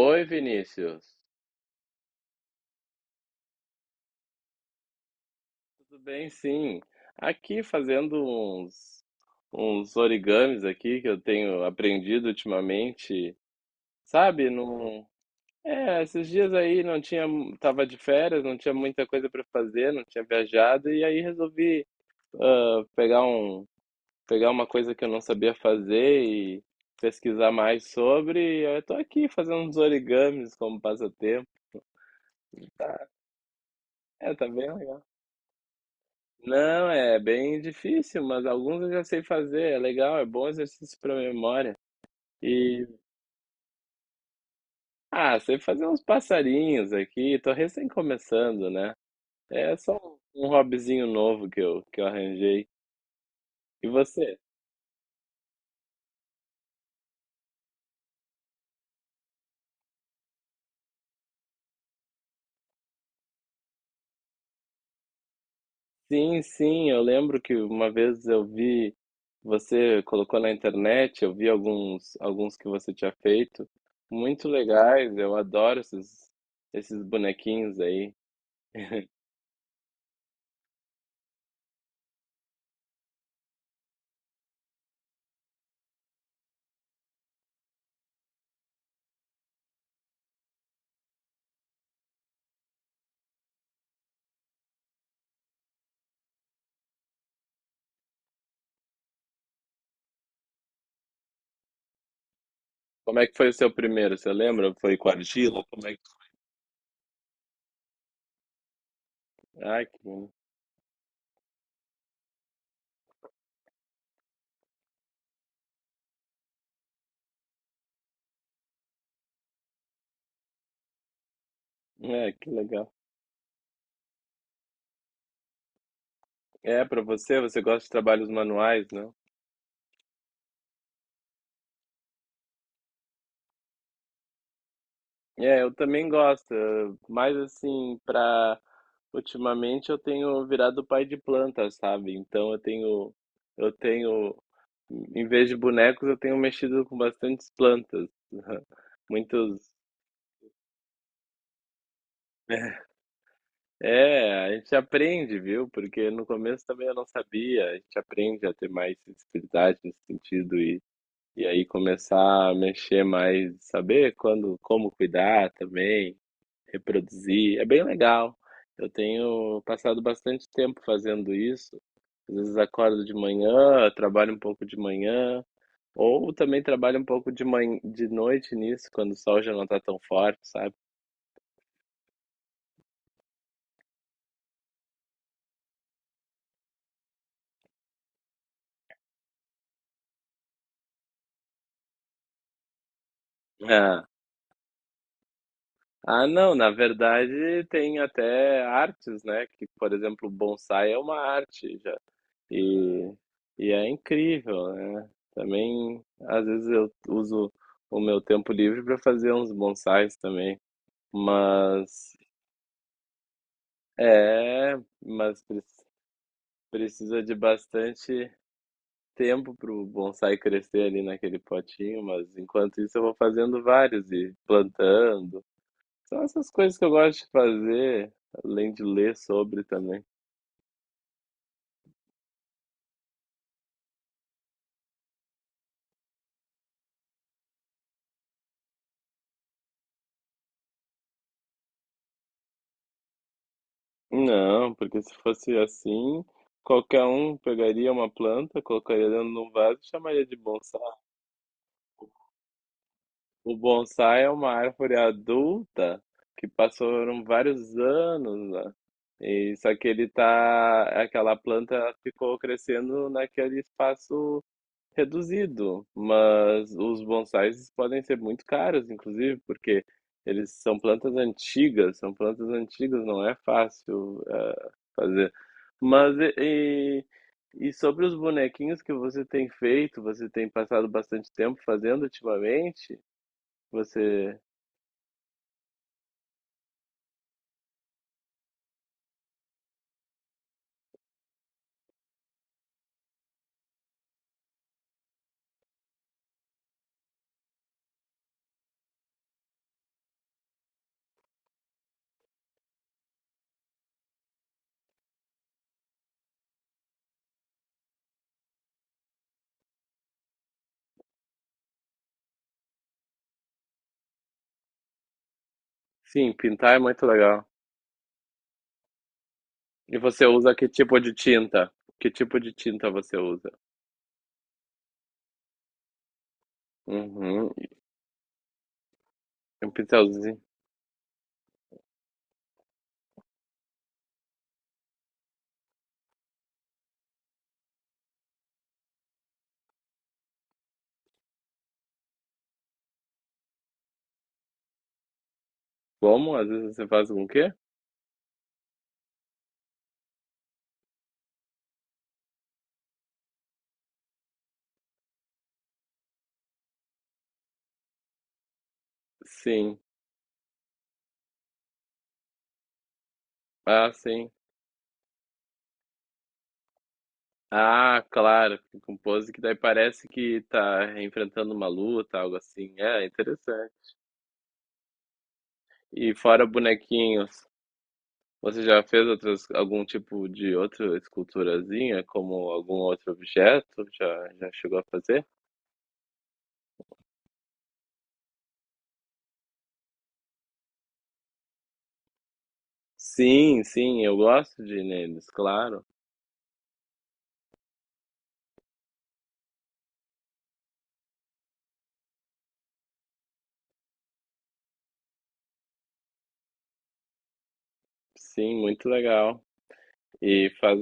Oi, Vinícius. Tudo bem? Sim. Aqui fazendo uns origamis aqui que eu tenho aprendido ultimamente. Sabe, não... É, esses dias aí não tinha, tava de férias, não tinha muita coisa para fazer, não tinha viajado e aí resolvi pegar um, pegar uma coisa que eu não sabia fazer e pesquisar mais sobre. E eu tô aqui fazendo uns origamis como passatempo. Tá, é, tá bem legal. Não, é bem difícil, mas alguns eu já sei fazer. É legal, é bom exercício para memória. E, ah, sei fazer uns passarinhos aqui. Tô recém começando, né? É só um hobbyzinho novo que eu arranjei. E você? Sim, sim, eu lembro que uma vez eu vi, você colocou na internet, eu vi alguns, alguns que você tinha feito. Muito legais, eu adoro esses, esses bonequinhos aí. Como é que foi o seu primeiro? Você lembra? Foi com argila? Como é? Ai, que bom. É, que legal. É, pra você, você gosta de trabalhos manuais, não? É, eu também gosto, mas assim, pra. Ultimamente eu tenho virado pai de planta, sabe? Então eu tenho. Eu tenho. Em vez de bonecos, eu tenho mexido com bastantes plantas. Muitos. É, a gente aprende, viu? Porque no começo também eu não sabia. A gente aprende a ter mais sensibilidade nesse sentido. E aí começar a mexer mais, saber quando, como cuidar também, reproduzir, é bem legal. Eu tenho passado bastante tempo fazendo isso. Às vezes acordo de manhã, trabalho um pouco de manhã, ou também trabalho um pouco de manhã, de noite nisso, quando o sol já não está tão forte, sabe? Ah, ah, não, na verdade tem até artes, né? Que, por exemplo, bonsai é uma arte, já. E, e é incrível, né? Também, às vezes eu uso o meu tempo livre para fazer uns bonsais também, mas é, mas precisa de bastante tempo para o bonsai crescer ali naquele potinho, mas enquanto isso eu vou fazendo vários e plantando. São essas coisas que eu gosto de fazer, além de ler sobre também. Não, porque se fosse assim, qualquer um pegaria uma planta, colocaria dentro de um vaso e chamaria de bonsai. O bonsai é uma árvore adulta que passaram vários anos lá. E só que ele tá, aquela planta ficou crescendo naquele espaço reduzido, mas os bonsais podem ser muito caros, inclusive, porque eles são plantas antigas, não é fácil fazer. Mas e, e e sobre os bonequinhos que você tem feito, você tem passado bastante tempo fazendo ultimamente? Você, sim, pintar é muito legal. E você usa que tipo de tinta? Que tipo de tinta você usa? Uhum, um pincelzinho. Como? Às vezes você faz com o quê? Sim. Ah, sim. Ah, claro, fica com pose que daí parece que tá enfrentando uma luta, algo assim. É, interessante. E fora bonequinhos, você já fez outros algum tipo de outra esculturazinha, como algum outro objeto? Já, já chegou a fazer? Sim, sim, eu gosto de ir neles, claro. Sim, muito legal. E faz,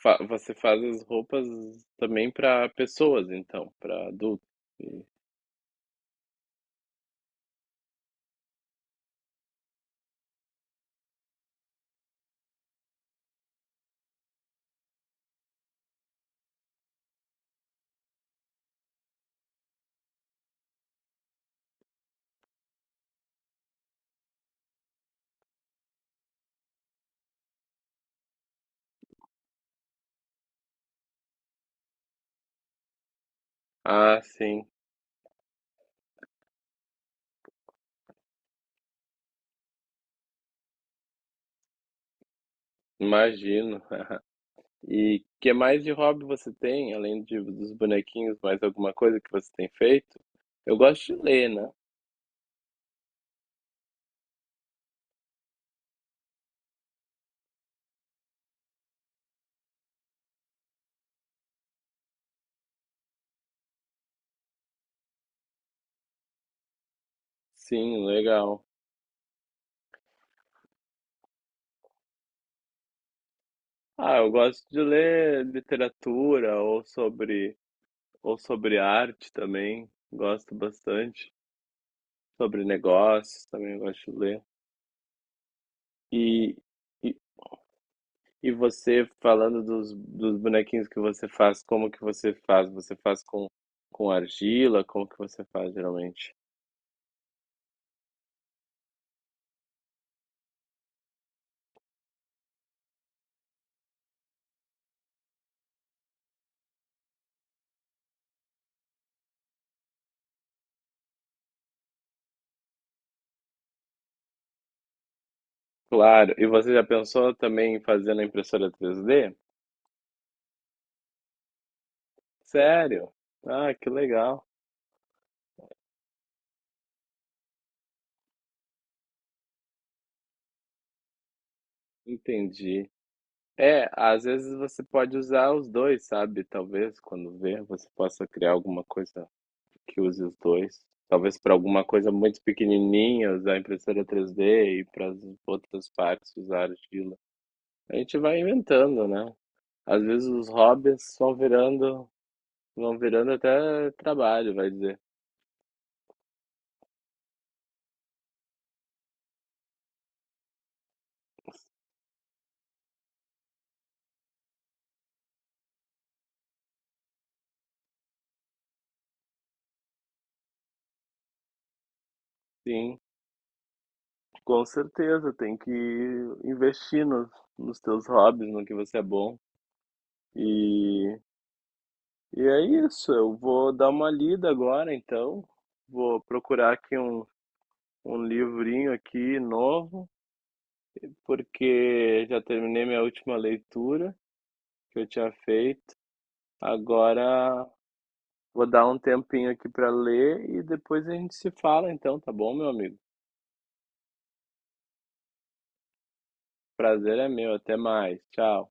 você faz as roupas também para pessoas, então, para adultos. E- Ah, sim, imagino. E que mais de hobby você tem, além de, dos bonequinhos, mais alguma coisa que você tem feito? Eu gosto de ler, né? Sim, legal. Ah, eu gosto de ler literatura ou sobre arte também. Gosto bastante. Sobre negócios também eu gosto de ler. E, e, e você falando dos, dos bonequinhos que você faz, como que você faz? Você faz com argila? Como que você faz geralmente? Claro. E você já pensou também em fazer na impressora 3D? Sério? Ah, que legal. Entendi. É, às vezes você pode usar os dois, sabe? Talvez quando vê, você possa criar alguma coisa que use os dois. Talvez para alguma coisa muito pequenininha usar a impressora 3D e para as outras partes usar argila. A gente vai inventando, né? Às vezes os hobbies vão virando até trabalho, vai dizer. Sim. Com certeza, tem que investir nos, nos teus hobbies, no que você é bom. E, e é isso, eu vou dar uma lida agora, então. Vou procurar aqui um, um livrinho aqui novo, porque já terminei minha última leitura que eu tinha feito. Agora vou dar um tempinho aqui para ler e depois a gente se fala, então, tá bom, meu amigo? Prazer é meu, até mais. Tchau.